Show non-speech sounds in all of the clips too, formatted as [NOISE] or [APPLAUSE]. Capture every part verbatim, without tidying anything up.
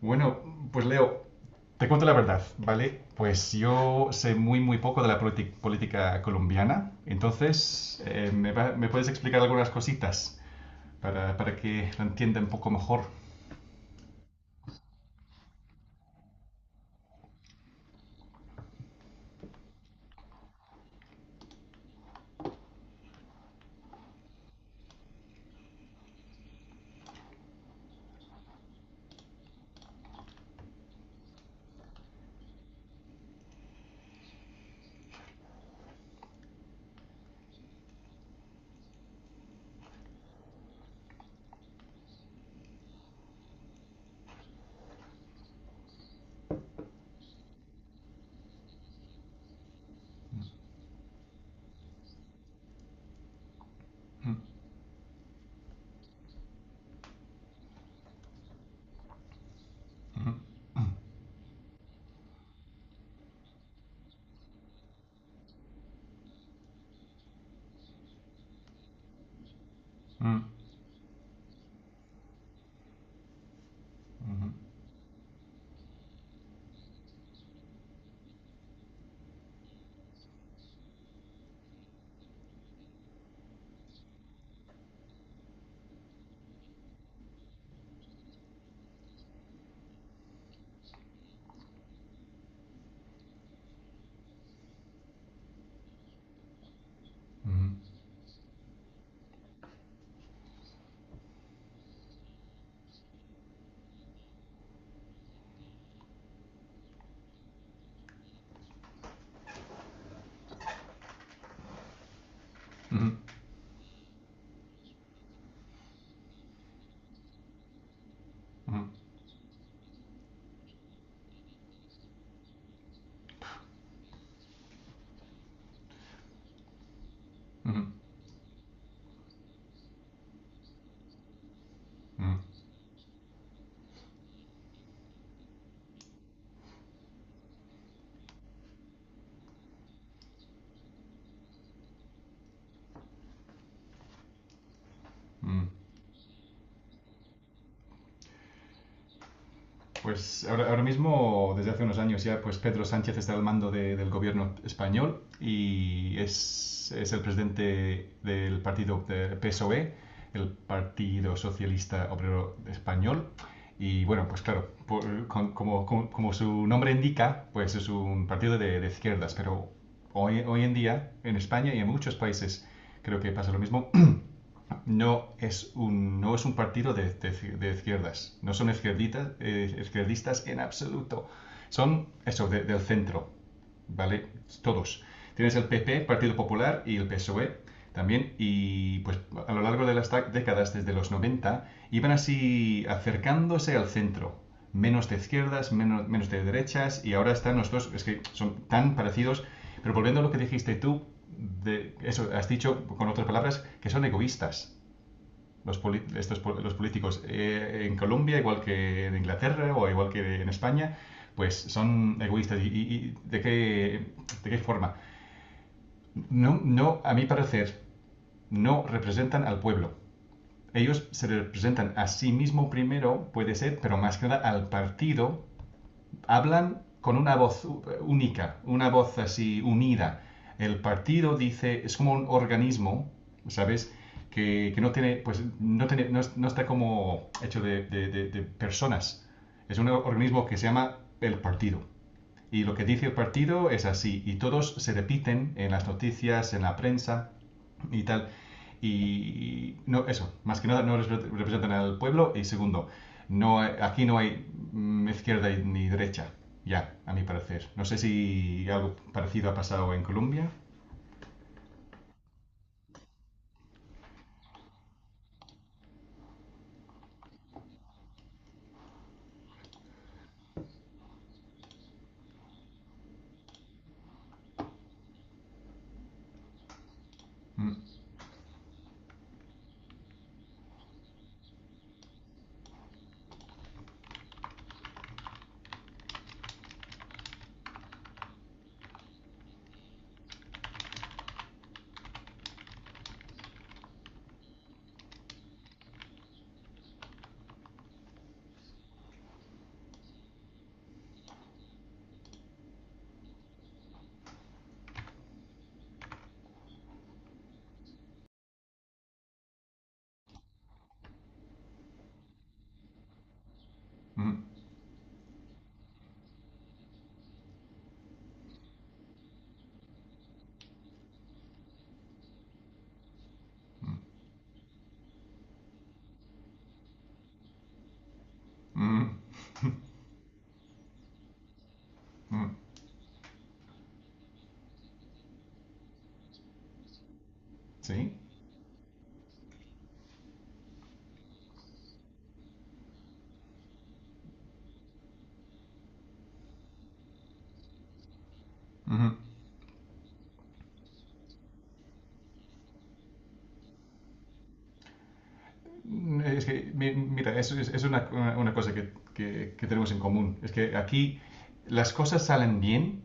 Bueno, pues Leo, te cuento la verdad, ¿vale? Pues yo sé muy, muy poco de la politi- política colombiana, entonces eh, ¿me, va- me puedes explicar algunas cositas para, para que la entienda un poco mejor? Mm, mm, mm, mm, mm, mm, mm, mm, mm, mm. Pues ahora, ahora mismo, desde hace unos años ya, pues Pedro Sánchez está al mando de- del gobierno español y es, es el presidente del partido de P S O E, el Partido Socialista Obrero Español. Y bueno, pues claro, por- con- como, como- como su nombre indica, pues es un partido de, de izquierdas, pero hoy, hoy en día, en España y en muchos países, creo que pasa lo mismo, no es un, no es un partido de, de- de izquierdas. No son izquierditas, eh, izquierdistas en absoluto. Son eso, de- del centro. ¿Vale? Todos. Tienes el P P, Partido Popular y el P S O E también. Y pues a lo largo de las décadas, desde los noventa iban así acercándose al centro. Menos de izquierdas, menos, menos de derechas. Y ahora están los dos, es que son tan parecidos. Pero volviendo a lo que dijiste tú, de, eso has dicho con otras palabras que son egoístas los, poli- estos los políticos eh, en Colombia, igual que en Inglaterra o igual que en España, pues son egoístas. y- y de, qué, de qué forma? No, no, a mi parecer, no representan al pueblo. Ellos se representan a sí mismo primero, puede ser, pero más que nada al partido hablan con una voz única, una voz así unida. El partido dice, es como un organismo, ¿sabes? Que, que no tiene, pues no, tiene, no, no está como hecho de, de- de- de personas. Es un organismo que se llama el partido. Y lo que dice el partido es así, y todos se repiten en las noticias, en la prensa y tal. Y no, eso, más que nada no representan al pueblo. Y segundo, no, aquí no hay mm, izquierda ni derecha, ya, a mi parecer. No sé si algo parecido ha pasado en Colombia. Mm, mm, mm, mm, [LAUGHS] mm, sí. Ujú. Es que, mi- mira, es, es- es una, una- cosa que, que- que tenemos en común. Es que aquí las cosas salen bien,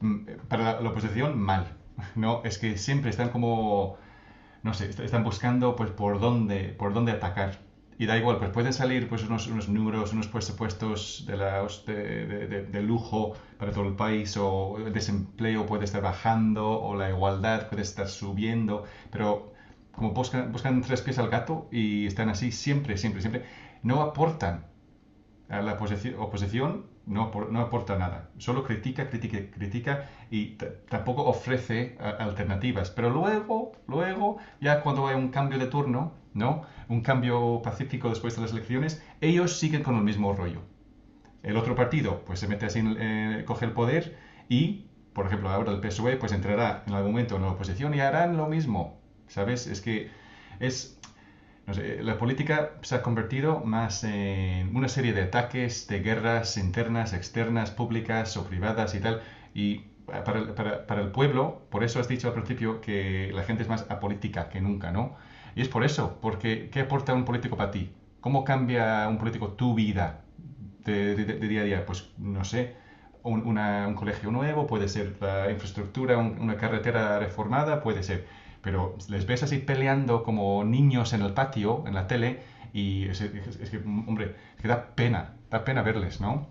mm, para la, la oposición mal. [LAUGHS] No, es que siempre están como no sé, están buscando pues por dónde, por dónde atacar. Y da igual, pues pueden salir pues unos, unos números, unos presupuestos de, la de, de- de- de lujo para todo el país, o el desempleo puede estar bajando, o la igualdad puede estar subiendo, pero como buscan, buscan tres pies al gato y están así siempre, siempre, siempre, no aportan a la oposición, no, no aporta nada, solo critica, critica, critica y tampoco ofrece a- alternativas. Pero luego, luego, ya cuando hay un cambio de turno, ¿no? Un cambio pacífico después de las elecciones, ellos siguen con el mismo rollo. El otro partido, pues se mete así, eh, coge el poder y, por ejemplo, ahora el P S O E, pues entrará en algún momento en la oposición y harán lo mismo, ¿sabes? Es que es no sé, la política se ha convertido más en una serie de ataques, de guerras internas, externas, públicas o privadas y tal. Y para, el- para- para el pueblo, por eso has dicho al principio que la gente es más apolítica que nunca, ¿no? Y es por eso, porque ¿qué aporta un político para ti? ¿Cómo cambia un político tu vida de, de- de día a día? Pues no sé, un, una- un colegio nuevo, puede ser la infraestructura, un- una carretera reformada, puede ser, pero les ves así peleando como niños en el patio, en la tele, y es, es- es que, hombre, es que da pena, da pena verles, ¿no?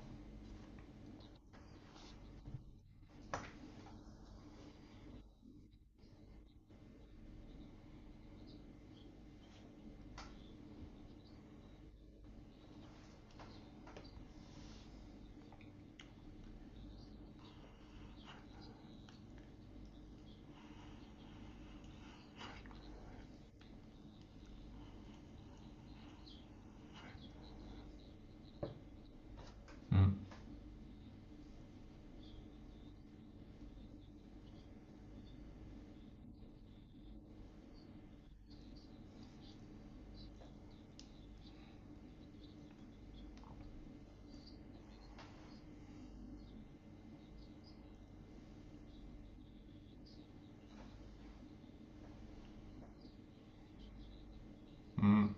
Mm, mm,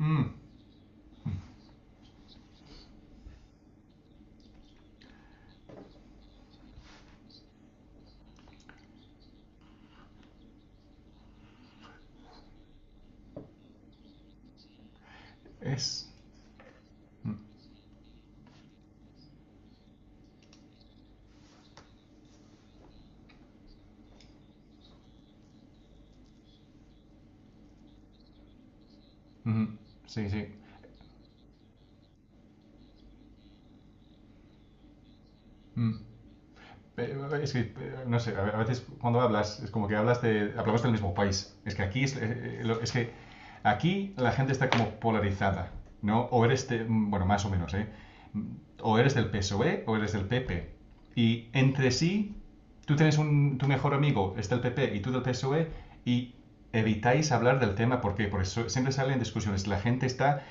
mm, es... mm, mm, sí, sí. Mm. Eh, Es que, eh, no sé, a veces cuando hablas, es como que hablas de, hablamos del mismo país. Es que aquí es, eh, eh, es que aquí la gente está como polarizada, ¿no? O eres, de- mm, bueno, más o menos, ¿eh? O eres del P S O E o E o eres del P P. Y entre sí, tú tienes un, tu mejor amigo, es del P P y tú del P S O E, y evitáis hablar del tema porque por eso siempre salen discusiones. La gente está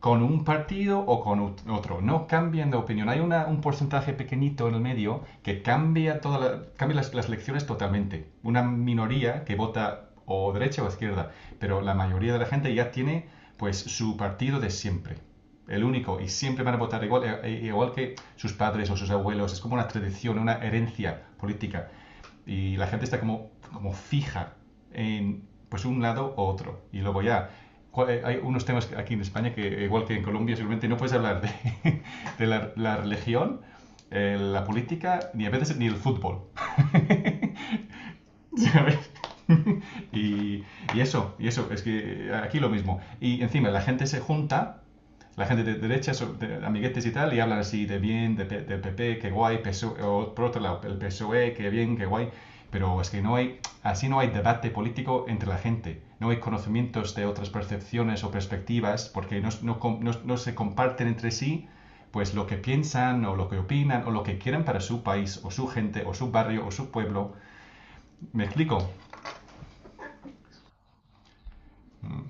con un partido o con otro. No cambian de opinión. Hay una- un porcentaje pequeñito en el medio que cambia, toda la- cambia las, las elecciones totalmente. Una minoría que vota o derecha o izquierda, pero la mayoría de la gente ya tiene pues su partido de siempre. El único, y siempre van a votar igual, eh, eh, igual que sus padres o sus abuelos. Es como una tradición, una herencia política y la gente está como, como fija en pues un lado u otro. Y luego ya, eh, hay unos temas aquí en España que, igual que en Colombia, seguramente no puedes hablar de, [LAUGHS] de la, la religión, eh, la política, ni a veces ni el fútbol. [LAUGHS] ¿sabes? Y, y eso, y eso, es que aquí lo mismo. Y encima la gente se junta, la gente de derecha, so- de amiguetes y tal, y hablan así de bien, del de, P- del P P, qué guay, P S O E, o E, o por otro lado, el P S O E, qué bien, qué guay, pero es que no hay, así no hay debate político entre la gente, no hay conocimientos de otras percepciones o perspectivas, porque no, no no no se comparten entre sí pues lo que piensan o lo que opinan o lo que quieren para su país o su gente o su barrio o su pueblo. ¿Me explico? Mm,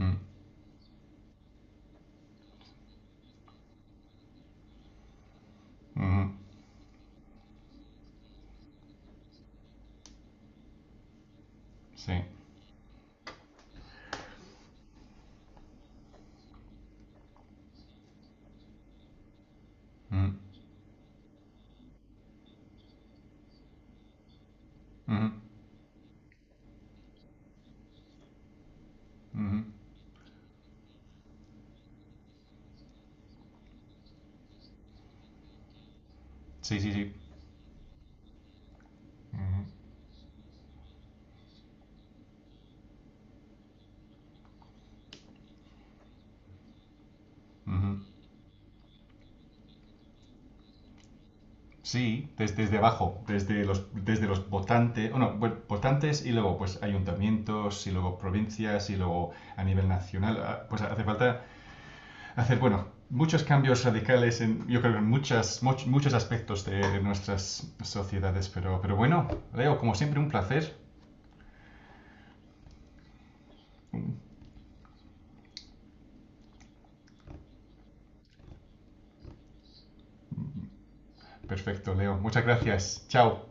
mm, mhm, sí. Mm, mhm, mhm. Sí, sí, sí. Mhm. Ujú. Sí, des- desde abajo, desde los, desde los votantes, bueno, bueno, votantes y luego pues ayuntamientos y luego provincias y luego a nivel nacional, ah, pues hace falta hacer, bueno, muchos cambios radicales en, yo creo, en muchas, much- muchos aspectos de, de nuestras sociedades, pero, pero bueno, Leo, como siempre, un placer. Perfecto, Leo, muchas gracias. Chao.